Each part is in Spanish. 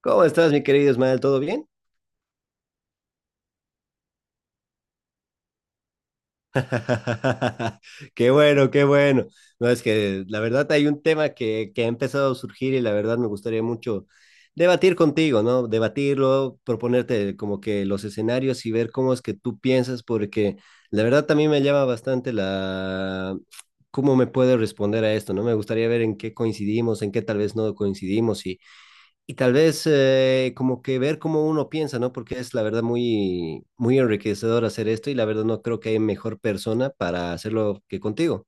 ¿Cómo estás, mi querido Ismael? ¿Todo bien? Qué bueno, qué bueno. No, es que la verdad hay un tema que ha empezado a surgir y la verdad me gustaría mucho debatir contigo, ¿no? Debatirlo, proponerte como que los escenarios y ver cómo es que tú piensas, porque la verdad también me llama bastante la... cómo me puedes responder a esto, ¿no? Me gustaría ver en qué coincidimos, en qué tal vez no coincidimos. Y tal vez como que ver cómo uno piensa, ¿no? Porque es la verdad muy, muy enriquecedor hacer esto y la verdad no creo que hay mejor persona para hacerlo que contigo.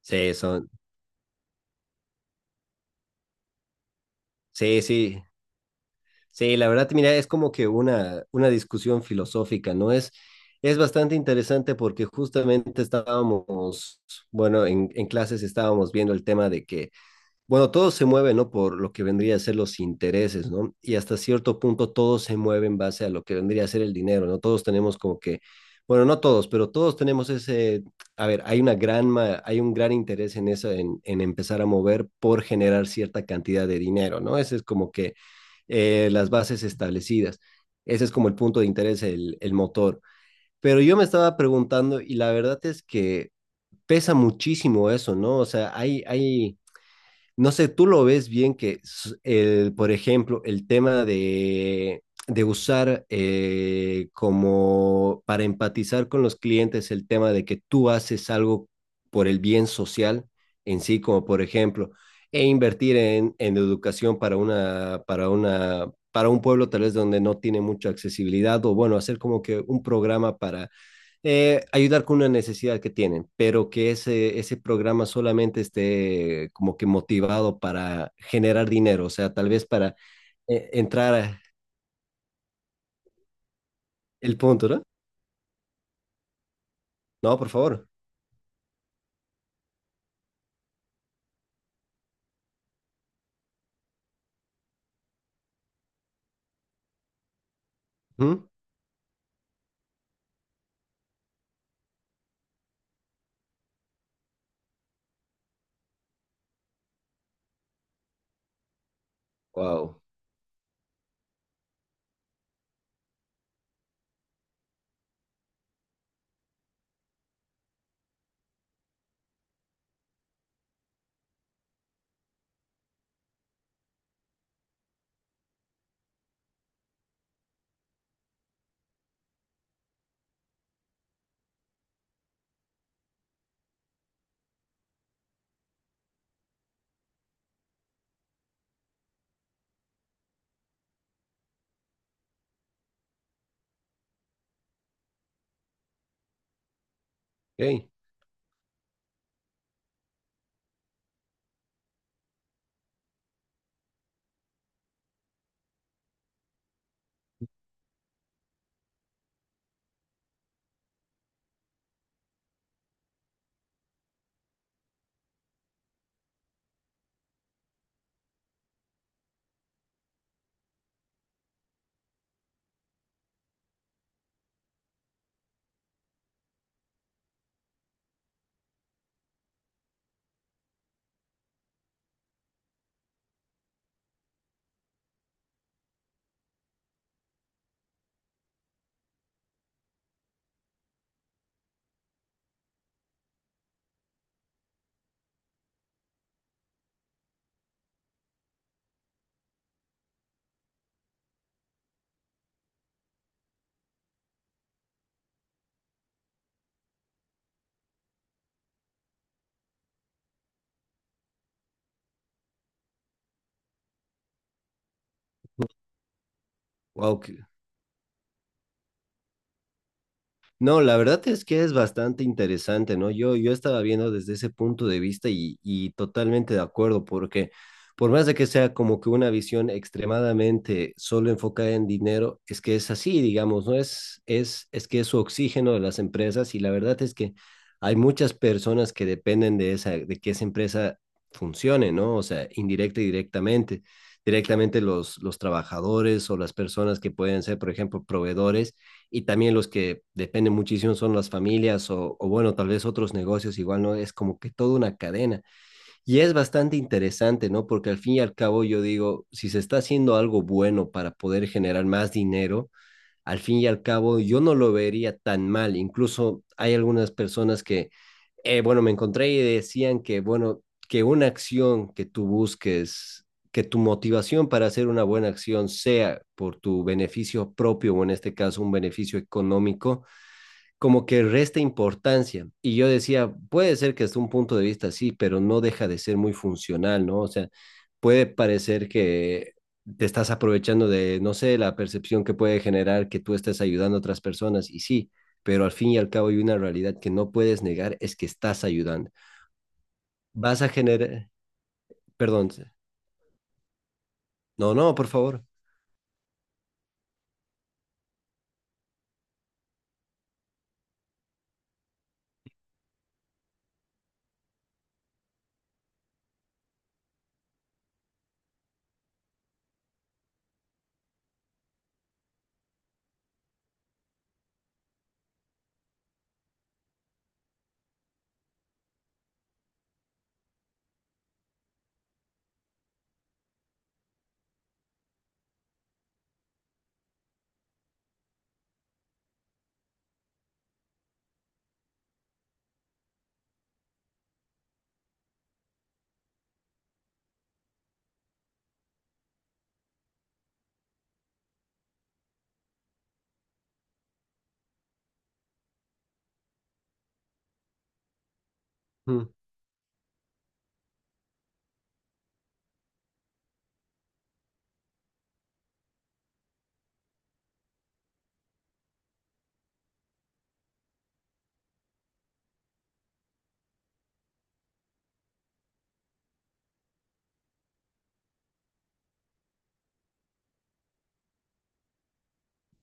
Sí, son, sí, sí, sí, la verdad, mira, es como que una discusión filosófica, ¿no? Es bastante interesante porque justamente estábamos, bueno, en clases estábamos viendo el tema de que bueno, todo se mueve, ¿no? Por lo que vendría a ser los intereses, ¿no? Y hasta cierto punto todo se mueve en base a lo que vendría a ser el dinero, ¿no? Todos tenemos como que, bueno, no todos, pero todos tenemos ese, a ver, hay una gran, hay un gran interés en eso, en empezar a mover por generar cierta cantidad de dinero, ¿no? Ese es como que las bases establecidas. Ese es como el punto de interés, el motor. Pero yo me estaba preguntando y la verdad es que pesa muchísimo eso, ¿no? O sea, hay no sé, tú lo ves bien que, el, por ejemplo, el tema de usar como para empatizar con los clientes el tema de que tú haces algo por el bien social en sí, como por ejemplo, e invertir en educación para una, para una, para un pueblo tal vez donde no tiene mucha accesibilidad, o bueno, hacer como que un programa para ayudar con una necesidad que tienen, pero que ese programa solamente esté como que motivado para generar dinero, o sea, tal vez para eh, entrar a- el punto, ¿no? No, por favor. ¿Mm? Wow. Ok. Wow, no, la verdad es que es bastante interesante, ¿no? Yo estaba viendo desde ese punto de vista y totalmente de acuerdo, porque por más de que sea como que una visión extremadamente solo enfocada en dinero, es que es así, digamos, ¿no? Es que es su oxígeno de las empresas y la verdad es que hay muchas personas que dependen de esa, de que esa empresa funcione, ¿no? O sea, indirecta y directamente. Directamente los trabajadores o las personas que pueden ser, por ejemplo, proveedores y también los que dependen muchísimo son las familias o, bueno, tal vez otros negocios igual, ¿no? Es como que toda una cadena y es bastante interesante, ¿no? Porque al fin y al cabo yo digo, si se está haciendo algo bueno para poder generar más dinero, al fin y al cabo yo no lo vería tan mal. Incluso hay algunas personas que, bueno, me encontré y decían que, bueno, que una acción que tú busques que tu motivación para hacer una buena acción sea por tu beneficio propio o en este caso un beneficio económico, como que resta importancia. Y yo decía, puede ser que desde un punto de vista sí, pero no deja de ser muy funcional, ¿no? O sea, puede parecer que te estás aprovechando de, no sé, la percepción que puede generar que tú estés ayudando a otras personas, y sí, pero al fin y al cabo hay una realidad que no puedes negar, es que estás ayudando. Vas a generar, perdón, no, no, por favor. Mm.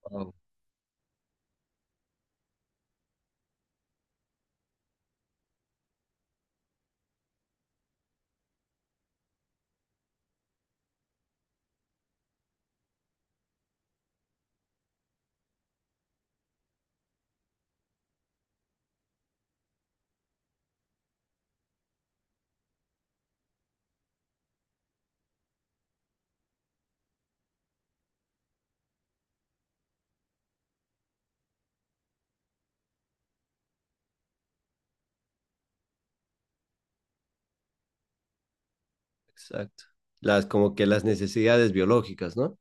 Wow, exacto. Las, como que las necesidades biológicas, ¿no?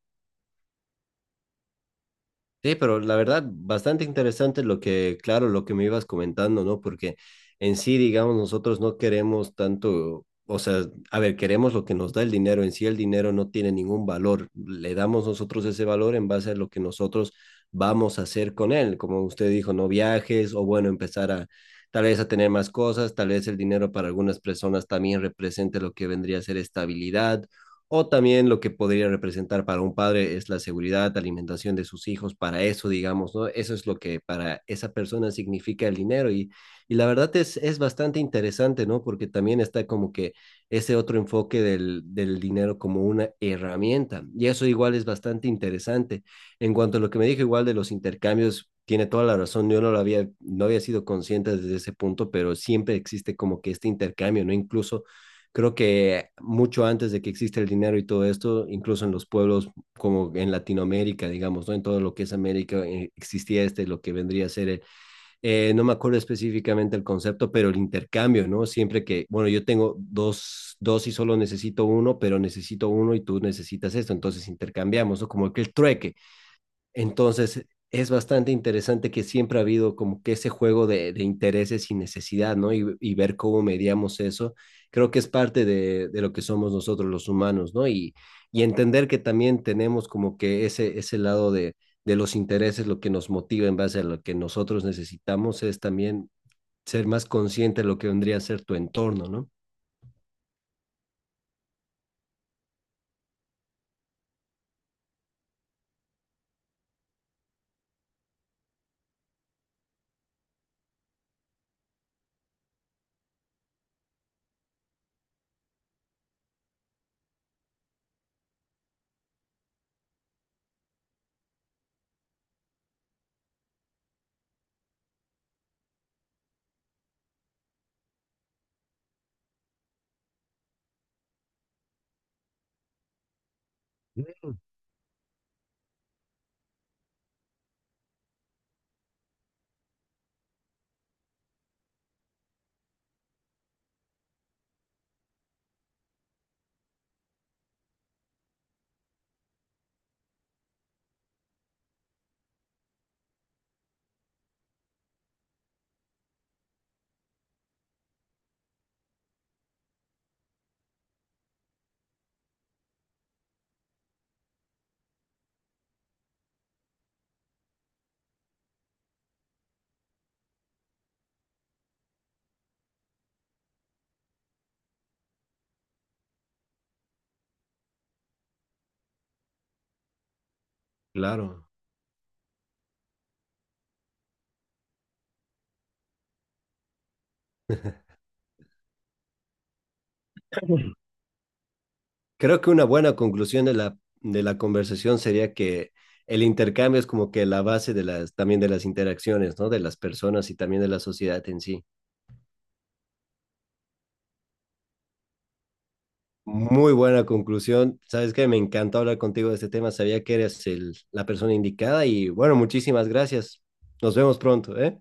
Sí, pero la verdad, bastante interesante lo que, claro, lo que me ibas comentando, ¿no? Porque en sí, digamos, nosotros no queremos tanto, o sea, a ver, queremos lo que nos da el dinero, en sí el dinero no tiene ningún valor, le damos nosotros ese valor en base a lo que nosotros vamos a hacer con él, como usted dijo, no viajes o bueno, empezar a tal vez a tener más cosas, tal vez el dinero para algunas personas también represente lo que vendría a ser estabilidad o también lo que podría representar para un padre es la seguridad, alimentación de sus hijos, para eso, digamos, ¿no? Eso es lo que para esa persona significa el dinero y la verdad es bastante interesante, ¿no? Porque también está como que ese otro enfoque del, del dinero como una herramienta y eso igual es bastante interesante. En cuanto a lo que me dijo igual de los intercambios, tiene toda la razón, yo no lo había, no había sido consciente desde ese punto, pero siempre existe como que este intercambio, ¿no? Incluso creo que mucho antes de que exista el dinero y todo esto, incluso en los pueblos como en Latinoamérica, digamos, ¿no? En todo lo que es América existía este, lo que vendría a ser, el, no me acuerdo específicamente el concepto, pero el intercambio, ¿no? Siempre que, bueno, yo tengo dos, dos y solo necesito uno, pero necesito uno y tú necesitas esto, entonces intercambiamos, ¿no? Como que el trueque, entonces, es bastante interesante que siempre ha habido como que ese juego de intereses y necesidad, ¿no? Y ver cómo mediamos eso. Creo que es parte de lo que somos nosotros los humanos, ¿no? Y entender que también tenemos como que ese lado de los intereses, lo que nos motiva en base a lo que nosotros necesitamos, es también ser más consciente de lo que vendría a ser tu entorno, ¿no? Claro. Creo que una buena conclusión de la conversación sería que el intercambio es como que la base de las, también de las interacciones, ¿no? De las personas y también de la sociedad en sí. Muy buena conclusión. Sabes que me encantó hablar contigo de este tema. Sabía que eres el, la persona indicada y bueno, muchísimas gracias. Nos vemos pronto, ¿eh?